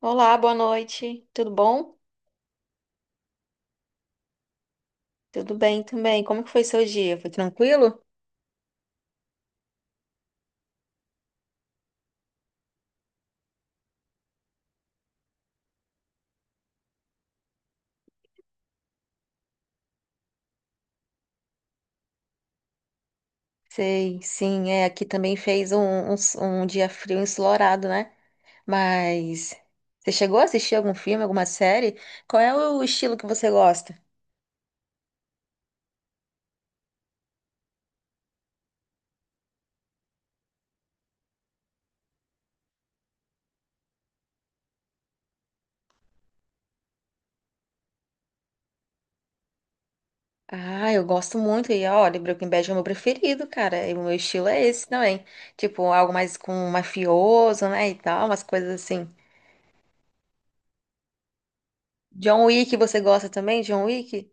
Olá, boa noite. Tudo bom? Tudo bem também. Como que foi seu dia? Foi tranquilo? Sei, sim, é, aqui também fez um, um dia frio ensolarado, né? Mas você chegou a assistir algum filme, alguma série? Qual é o estilo que você gosta? Ah, eu gosto muito e olha, Breaking Bad é o meu preferido, cara. E o meu estilo é esse também. Tipo, algo mais com mafioso, né, e tal, umas coisas assim. John Wick, você gosta também? John Wick?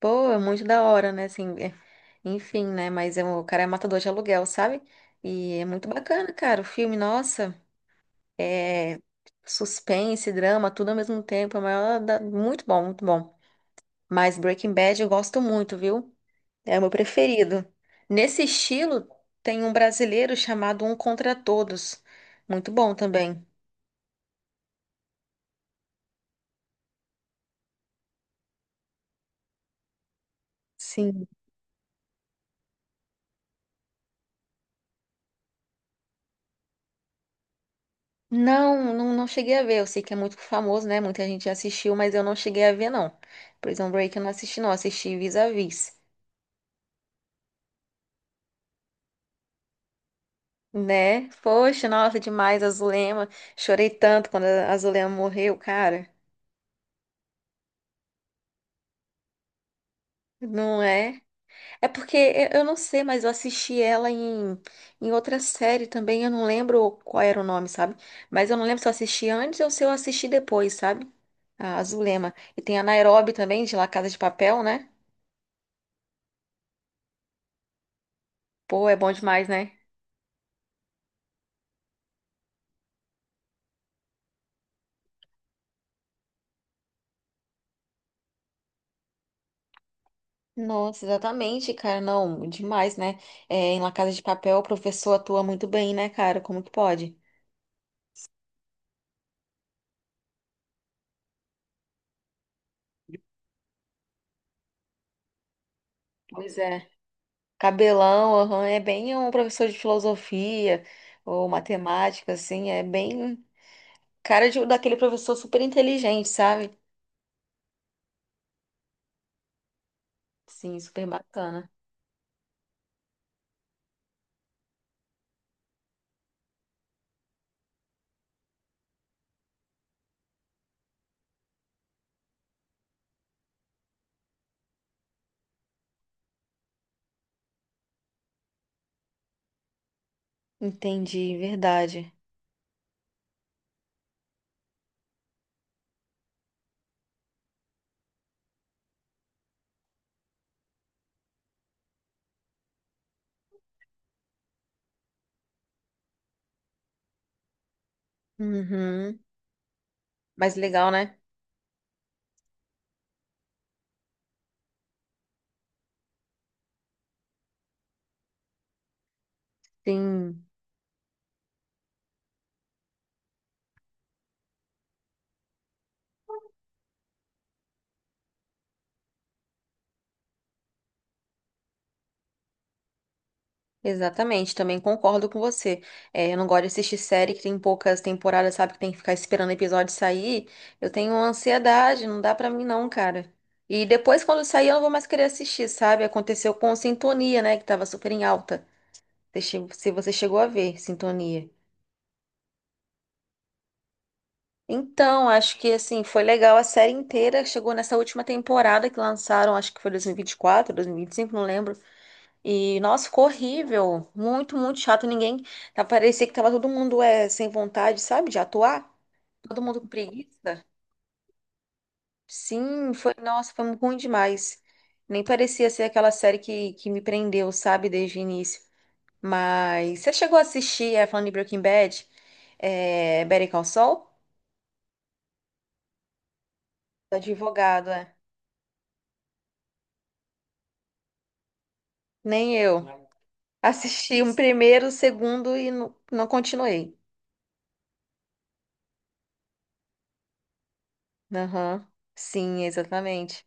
Pô, é muito da hora, né? Assim, enfim, né? Mas é o cara é matador de aluguel, sabe? E é muito bacana, cara. O filme, nossa, é suspense, drama, tudo ao mesmo tempo. É o maior muito bom, muito bom. Mas Breaking Bad eu gosto muito, viu? É o meu preferido. Nesse estilo, tem um brasileiro chamado Um Contra Todos. Muito bom também. Sim. Não, não, não cheguei a ver. Eu sei que é muito famoso, né? Muita gente já assistiu, mas eu não cheguei a ver, não. Prison Break eu não assisti, não. Assisti Vis-a-Vis, né? Poxa, nossa, demais, a Zulema. Chorei tanto quando a Zulema morreu, cara. Não é? É porque eu não sei, mas eu assisti ela em, em outra série também. Eu não lembro qual era o nome, sabe? Mas eu não lembro se eu assisti antes ou se eu assisti depois, sabe? A Zulema. E tem a Nairobi também, de La Casa de Papel, né? Pô, é bom demais, né? Nossa, exatamente, cara. Não, demais, né? É, em La Casa de Papel, o professor atua muito bem, né, cara? Como que pode? Pois é. Cabelão, aham, é bem um professor de filosofia ou matemática, assim, é bem cara de, daquele professor super inteligente, sabe? Sim, super bacana. Entendi, verdade. Uhum. Mas legal, né? Sim. Exatamente, também concordo com você. É, eu não gosto de assistir série que tem poucas temporadas, sabe? Que tem que ficar esperando o episódio sair. Eu tenho ansiedade, não dá pra mim não, cara. E depois, quando sair, eu não vou mais querer assistir, sabe? Aconteceu com Sintonia, né? Que tava super em alta. Você Se você chegou a ver, Sintonia. Então, acho que, assim, foi legal a série inteira. Chegou nessa última temporada que lançaram, acho que foi dois mil 2024, dois mil e vinte vinte quatro e 5 não lembro. E, nossa, ficou horrível. Muito, muito chato. Ninguém. Parecia que tava todo mundo sem vontade, sabe, de atuar. Todo mundo com preguiça. Sim, foi. Nossa, foi ruim demais. Nem parecia ser aquela série que me prendeu, sabe, desde o início. Mas você chegou a assistir, é, falando de Breaking Bad, é, Better Call Saul? Do Advogado, é. Nem eu. Assisti um primeiro, o segundo e não continuei. Aham. Sim, exatamente.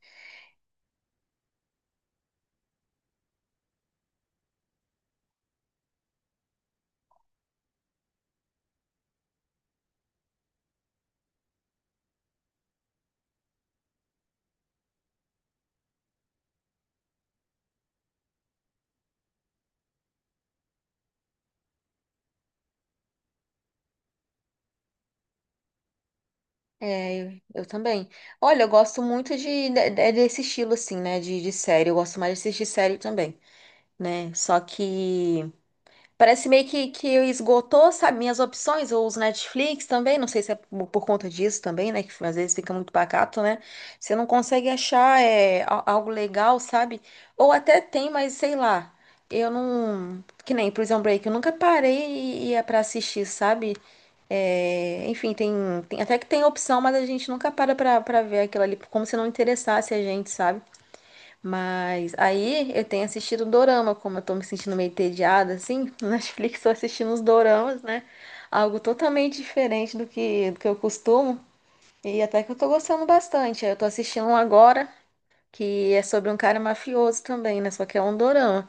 É, eu também. Olha, eu gosto muito desse estilo, assim, né? De série. Eu gosto mais de assistir série também, né? Só que. Parece meio que esgotou, sabe, minhas opções. Eu uso Netflix também, não sei se é por conta disso também, né? Que às vezes fica muito pacato, né? Você não consegue achar é, algo legal, sabe? Ou até tem, mas sei lá. Eu não. Que nem Prison Break, eu nunca parei e ia pra assistir, sabe? É, enfim, até que tem opção, mas a gente nunca para pra ver aquilo ali, como se não interessasse a gente, sabe? Mas aí eu tenho assistido dorama, como eu tô me sentindo meio entediada, assim, no Netflix tô assistindo os doramas, né? Algo totalmente diferente do que eu costumo. E até que eu tô gostando bastante. Eu tô assistindo um agora, que é sobre um cara mafioso também, né? Só que é um dorama.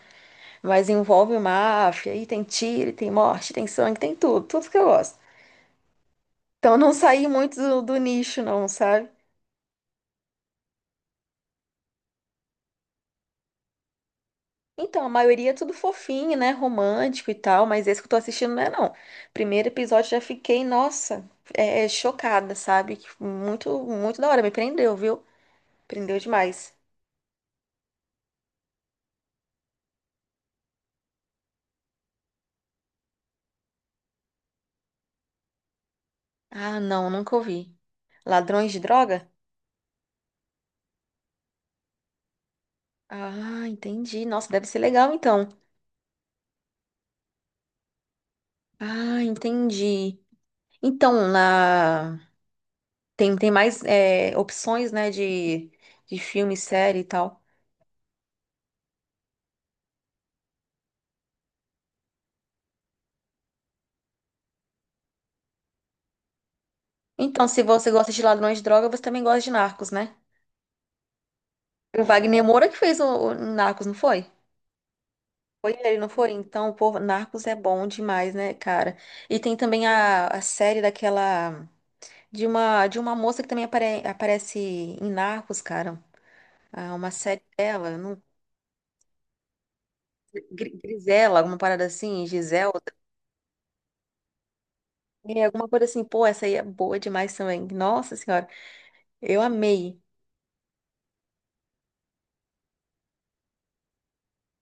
Mas envolve máfia, e tem tiro, e tem morte, tem sangue, tem tudo, tudo que eu gosto. Então eu não saí muito do nicho, não, sabe? Então, a maioria é tudo fofinho, né? Romântico e tal, mas esse que eu tô assistindo não é, não. Primeiro episódio já fiquei, nossa, chocada, sabe? Que muito, muito da hora, me prendeu, viu? Prendeu demais. Ah, não, nunca ouvi. Ladrões de droga? Ah, entendi. Nossa, deve ser legal, então. Ah, entendi. Então, na... tem, tem mais é, opções, né, de filme, série e tal. Então, se você gosta de Ladrões de Droga, você também gosta de Narcos, né? O Wagner Moura que fez o Narcos, não foi? Foi ele, não foi? Então, pô, Narcos é bom demais, né, cara? E tem também a série daquela. De uma moça que também aparece em Narcos, cara. Ah, uma série dela, não, Grisela, alguma parada assim, Giselda. É, alguma coisa assim, pô, essa aí é boa demais também. Nossa senhora, eu amei.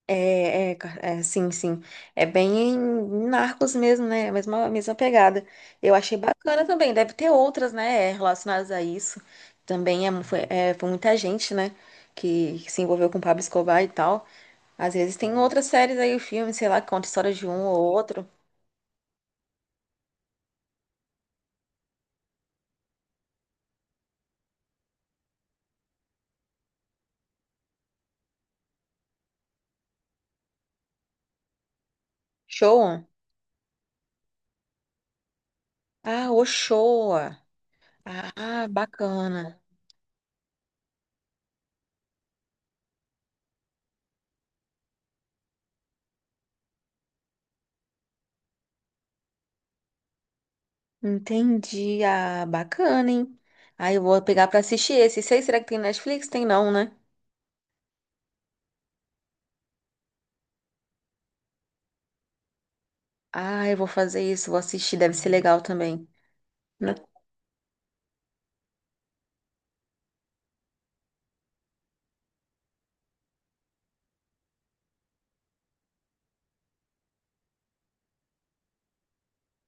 É, é, é, sim, sim. É bem em Narcos mesmo, né? É a mesma, a mesma pegada. Eu achei bacana também. Deve ter outras, né, relacionadas a isso. Também é, foi, é, foi muita gente, né, que se envolveu com Pablo Escobar e tal. Às vezes tem outras séries aí, filmes, sei lá, que conta a história de um ou outro. Show? Ah, o Showa. Ah, bacana. Entendi. Ah, bacana, hein? Aí eu vou pegar pra assistir esse. Sei, será que tem Netflix? Tem não, né? Ah, eu vou fazer isso, vou assistir, deve ser legal também. Né?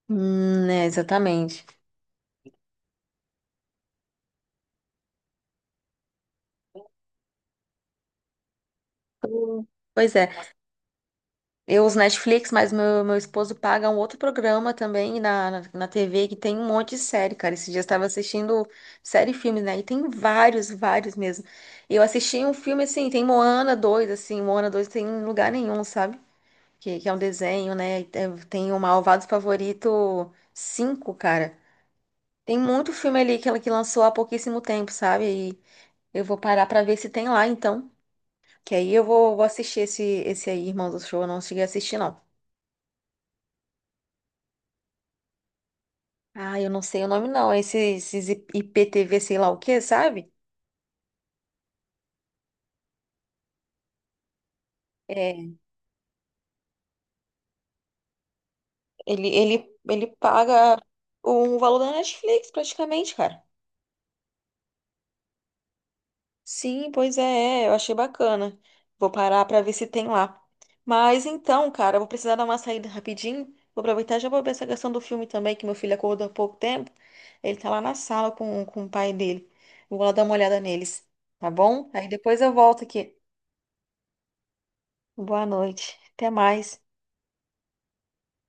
É, exatamente. Pois é, eu uso Netflix, mas meu esposo paga um outro programa também na, na TV que tem um monte de série, cara. Esse dia eu estava assistindo série e filmes, né? E tem vários, vários mesmo. Eu assisti um filme assim, tem Moana 2, assim, Moana 2 tem em lugar nenhum, sabe? Que é um desenho, né? E tem o Malvado Favorito 5, cara. Tem muito filme ali que ela que lançou há pouquíssimo tempo, sabe? Eu vou parar pra ver se tem lá, então. Que aí eu vou, vou assistir esse, esse aí, Irmão do Show. Eu não cheguei a assistir, não. Ah, eu não sei o nome, não. Esse, esses IPTV, sei lá o quê, sabe? É, ele paga o valor da Netflix, praticamente, cara. Sim, pois é, é, eu achei bacana. Vou parar pra ver se tem lá. Mas então, cara, eu vou precisar dar uma saída rapidinho. Vou aproveitar e já vou ver essa questão do filme também, que meu filho acordou há pouco tempo. Ele tá lá na sala com o pai dele. Eu vou lá dar uma olhada neles, tá bom? Aí depois eu volto aqui. Boa noite. Até mais.